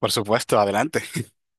Por supuesto, adelante.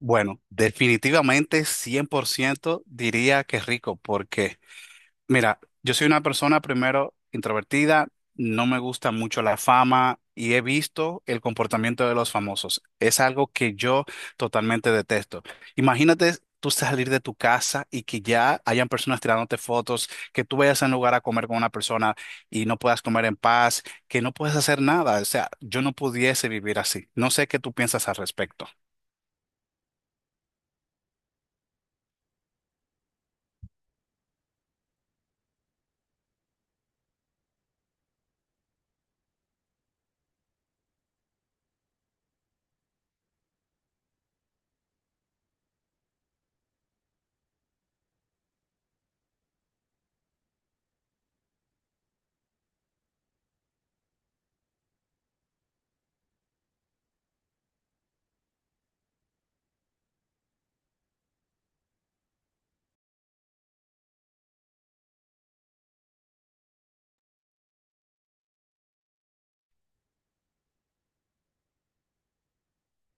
Bueno, definitivamente 100%, diría que rico, porque mira, yo soy una persona primero introvertida, no me gusta mucho la fama y he visto el comportamiento de los famosos. Es algo que yo totalmente detesto. Imagínate tú salir de tu casa y que ya hayan personas tirándote fotos, que tú vayas a un lugar a comer con una persona y no puedas comer en paz, que no puedes hacer nada. O sea, yo no pudiese vivir así. No sé qué tú piensas al respecto.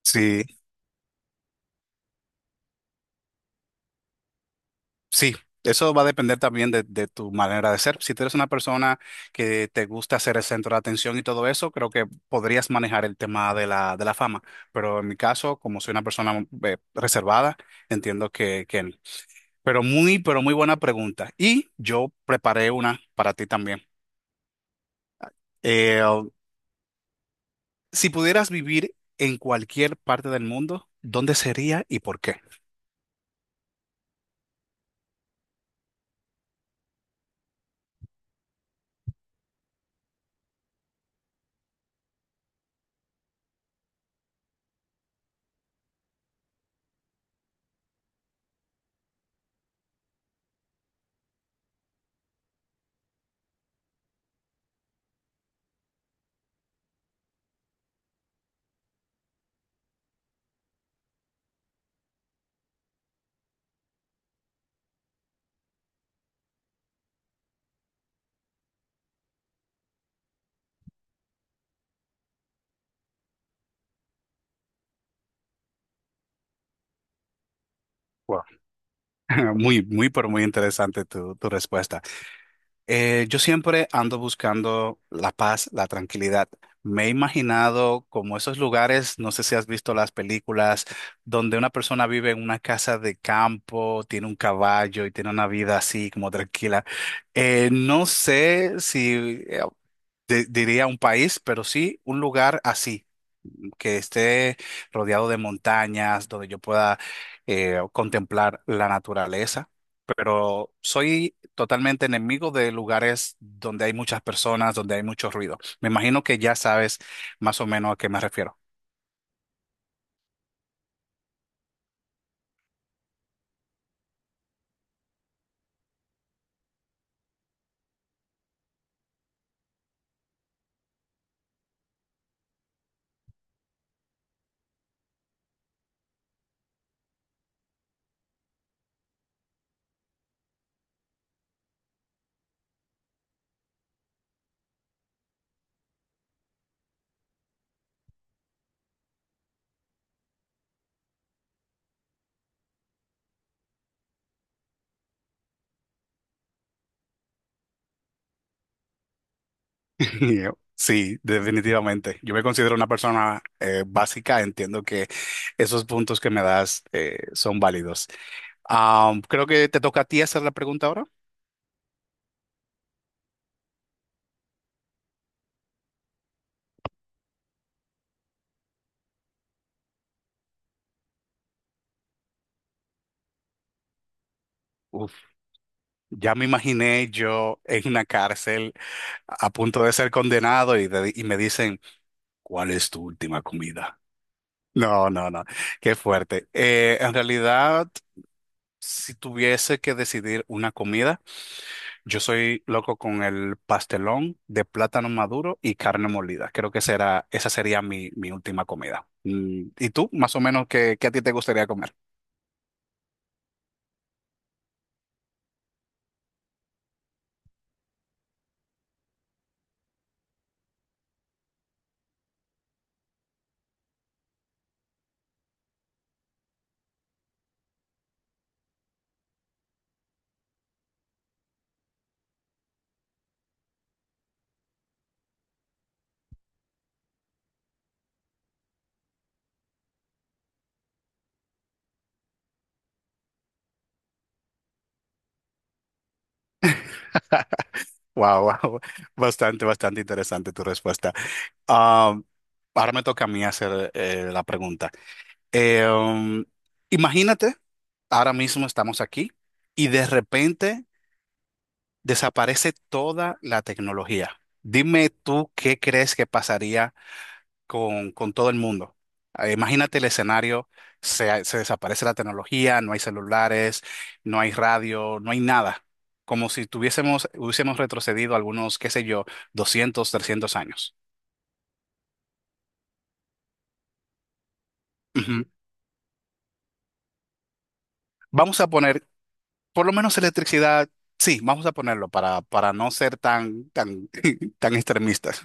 Sí, sí, eso va a depender también de tu manera de ser. Si tú eres una persona que te gusta ser el centro de atención y todo eso, creo que podrías manejar el tema de la fama. Pero en mi caso, como soy una persona reservada, entiendo que no. Pero muy buena pregunta. Y yo preparé una para ti también. Eh, si pudieras vivir en cualquier parte del mundo, ¿dónde sería y por qué? Wow. Muy, muy, pero muy interesante tu respuesta. Yo siempre ando buscando la paz, la tranquilidad. Me he imaginado como esos lugares, no sé si has visto las películas, donde una persona vive en una casa de campo, tiene un caballo y tiene una vida así como tranquila. No sé si eh, diría un país, pero sí un lugar así que esté rodeado de montañas, donde yo pueda contemplar la naturaleza. Pero soy totalmente enemigo de lugares donde hay muchas personas, donde hay mucho ruido. Me imagino que ya sabes más o menos a qué me refiero. Sí, definitivamente. Yo me considero una persona básica. Entiendo que esos puntos que me das son válidos. Creo que te toca a ti hacer la pregunta ahora. Uf, ya me imaginé yo en una cárcel a punto de ser condenado y me dicen, ¿cuál es tu última comida? No, no, no, qué fuerte. En realidad, si tuviese que decidir una comida, yo soy loco con el pastelón de plátano maduro y carne molida. Creo que será, esa sería mi última comida. Mm, ¿y tú, más o menos, qué a ti te gustaría comer? Wow, wow, bastante, bastante interesante tu respuesta. Ah, ahora me toca a mí hacer la pregunta. Eh, um, Imagínate, ahora mismo estamos aquí y de repente desaparece toda la tecnología. Dime tú qué crees que pasaría con todo el mundo. Imagínate el escenario, se desaparece la tecnología, no hay celulares, no hay radio, no hay nada. Como si tuviésemos, hubiésemos retrocedido algunos, qué sé yo, 200, 300 años. Ujú. Vamos a poner por lo menos electricidad, sí, vamos a ponerlo para no ser tan, tan, tan extremistas.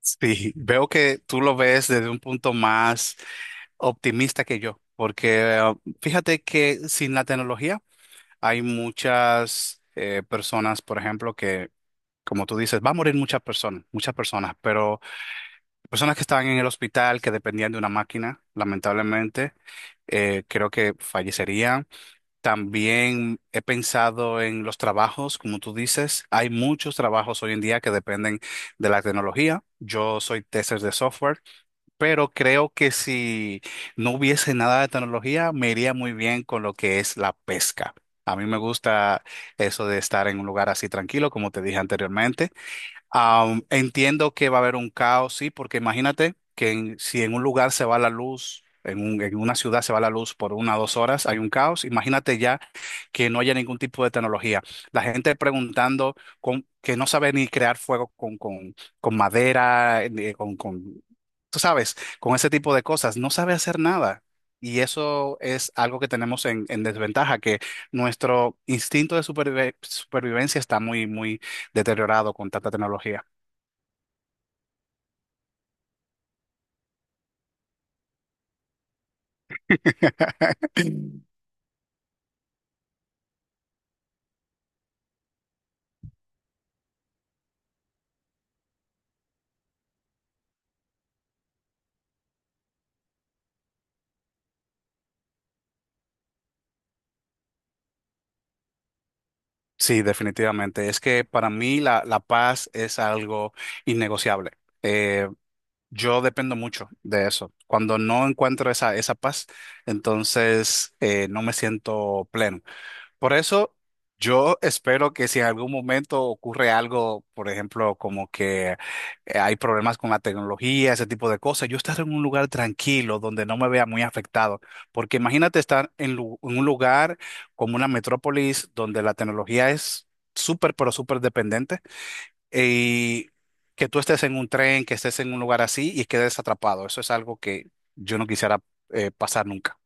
Sí, veo que tú lo ves desde un punto más optimista que yo, porque fíjate que sin la tecnología hay muchas personas, por ejemplo, que, como tú dices, va a morir muchas personas, pero personas que estaban en el hospital, que dependían de una máquina, lamentablemente, creo que fallecerían. También he pensado en los trabajos, como tú dices, hay muchos trabajos hoy en día que dependen de la tecnología. Yo soy tester de software, pero creo que si no hubiese nada de tecnología, me iría muy bien con lo que es la pesca. A mí me gusta eso de estar en un lugar así tranquilo, como te dije anteriormente. Entiendo que va a haber un caos, sí, porque imagínate si en un lugar se va la luz, en una ciudad se va la luz por 1 o 2 horas, hay un caos. Imagínate ya que no haya ningún tipo de tecnología. La gente preguntando que no sabe ni crear fuego con madera, ni tú sabes, con ese tipo de cosas, no sabe hacer nada. Y eso es algo que tenemos en desventaja, que nuestro instinto de supervivencia está muy, muy deteriorado con tanta tecnología. Sí, definitivamente. Es que para mí la paz es algo innegociable. Eh, yo dependo mucho de eso. Cuando no encuentro esa paz, entonces no me siento pleno. Por eso yo espero que si en algún momento ocurre algo, por ejemplo, como que hay problemas con la tecnología, ese tipo de cosas, yo estar en un lugar tranquilo donde no me vea muy afectado. Porque imagínate estar en un lugar como una metrópolis donde la tecnología es súper, pero súper dependiente y que tú estés en un tren, que estés en un lugar así y quedes atrapado. Eso es algo que yo no quisiera pasar nunca.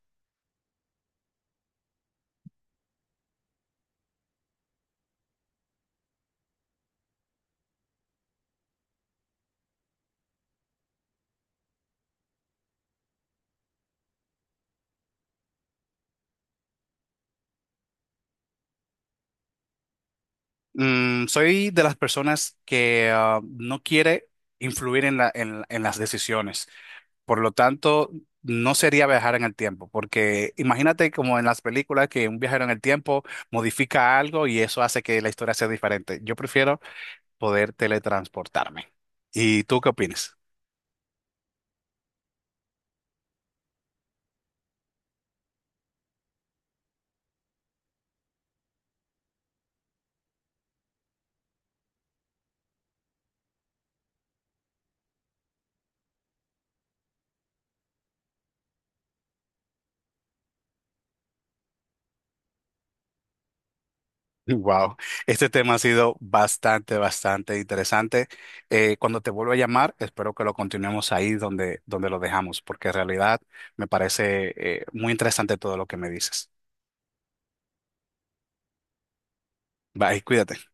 Mm, soy de las personas que ah, no quiere influir en en las decisiones. Por lo tanto, no sería viajar en el tiempo, porque imagínate como en las películas que un viajero en el tiempo modifica algo y eso hace que la historia sea diferente. Yo prefiero poder teletransportarme. ¿Y tú qué opinas? Wow, este tema ha sido bastante, bastante interesante. Cuando te vuelva a llamar, espero que lo continuemos ahí donde, donde lo dejamos, porque en realidad me parece muy interesante todo lo que me dices. Bye, cuídate.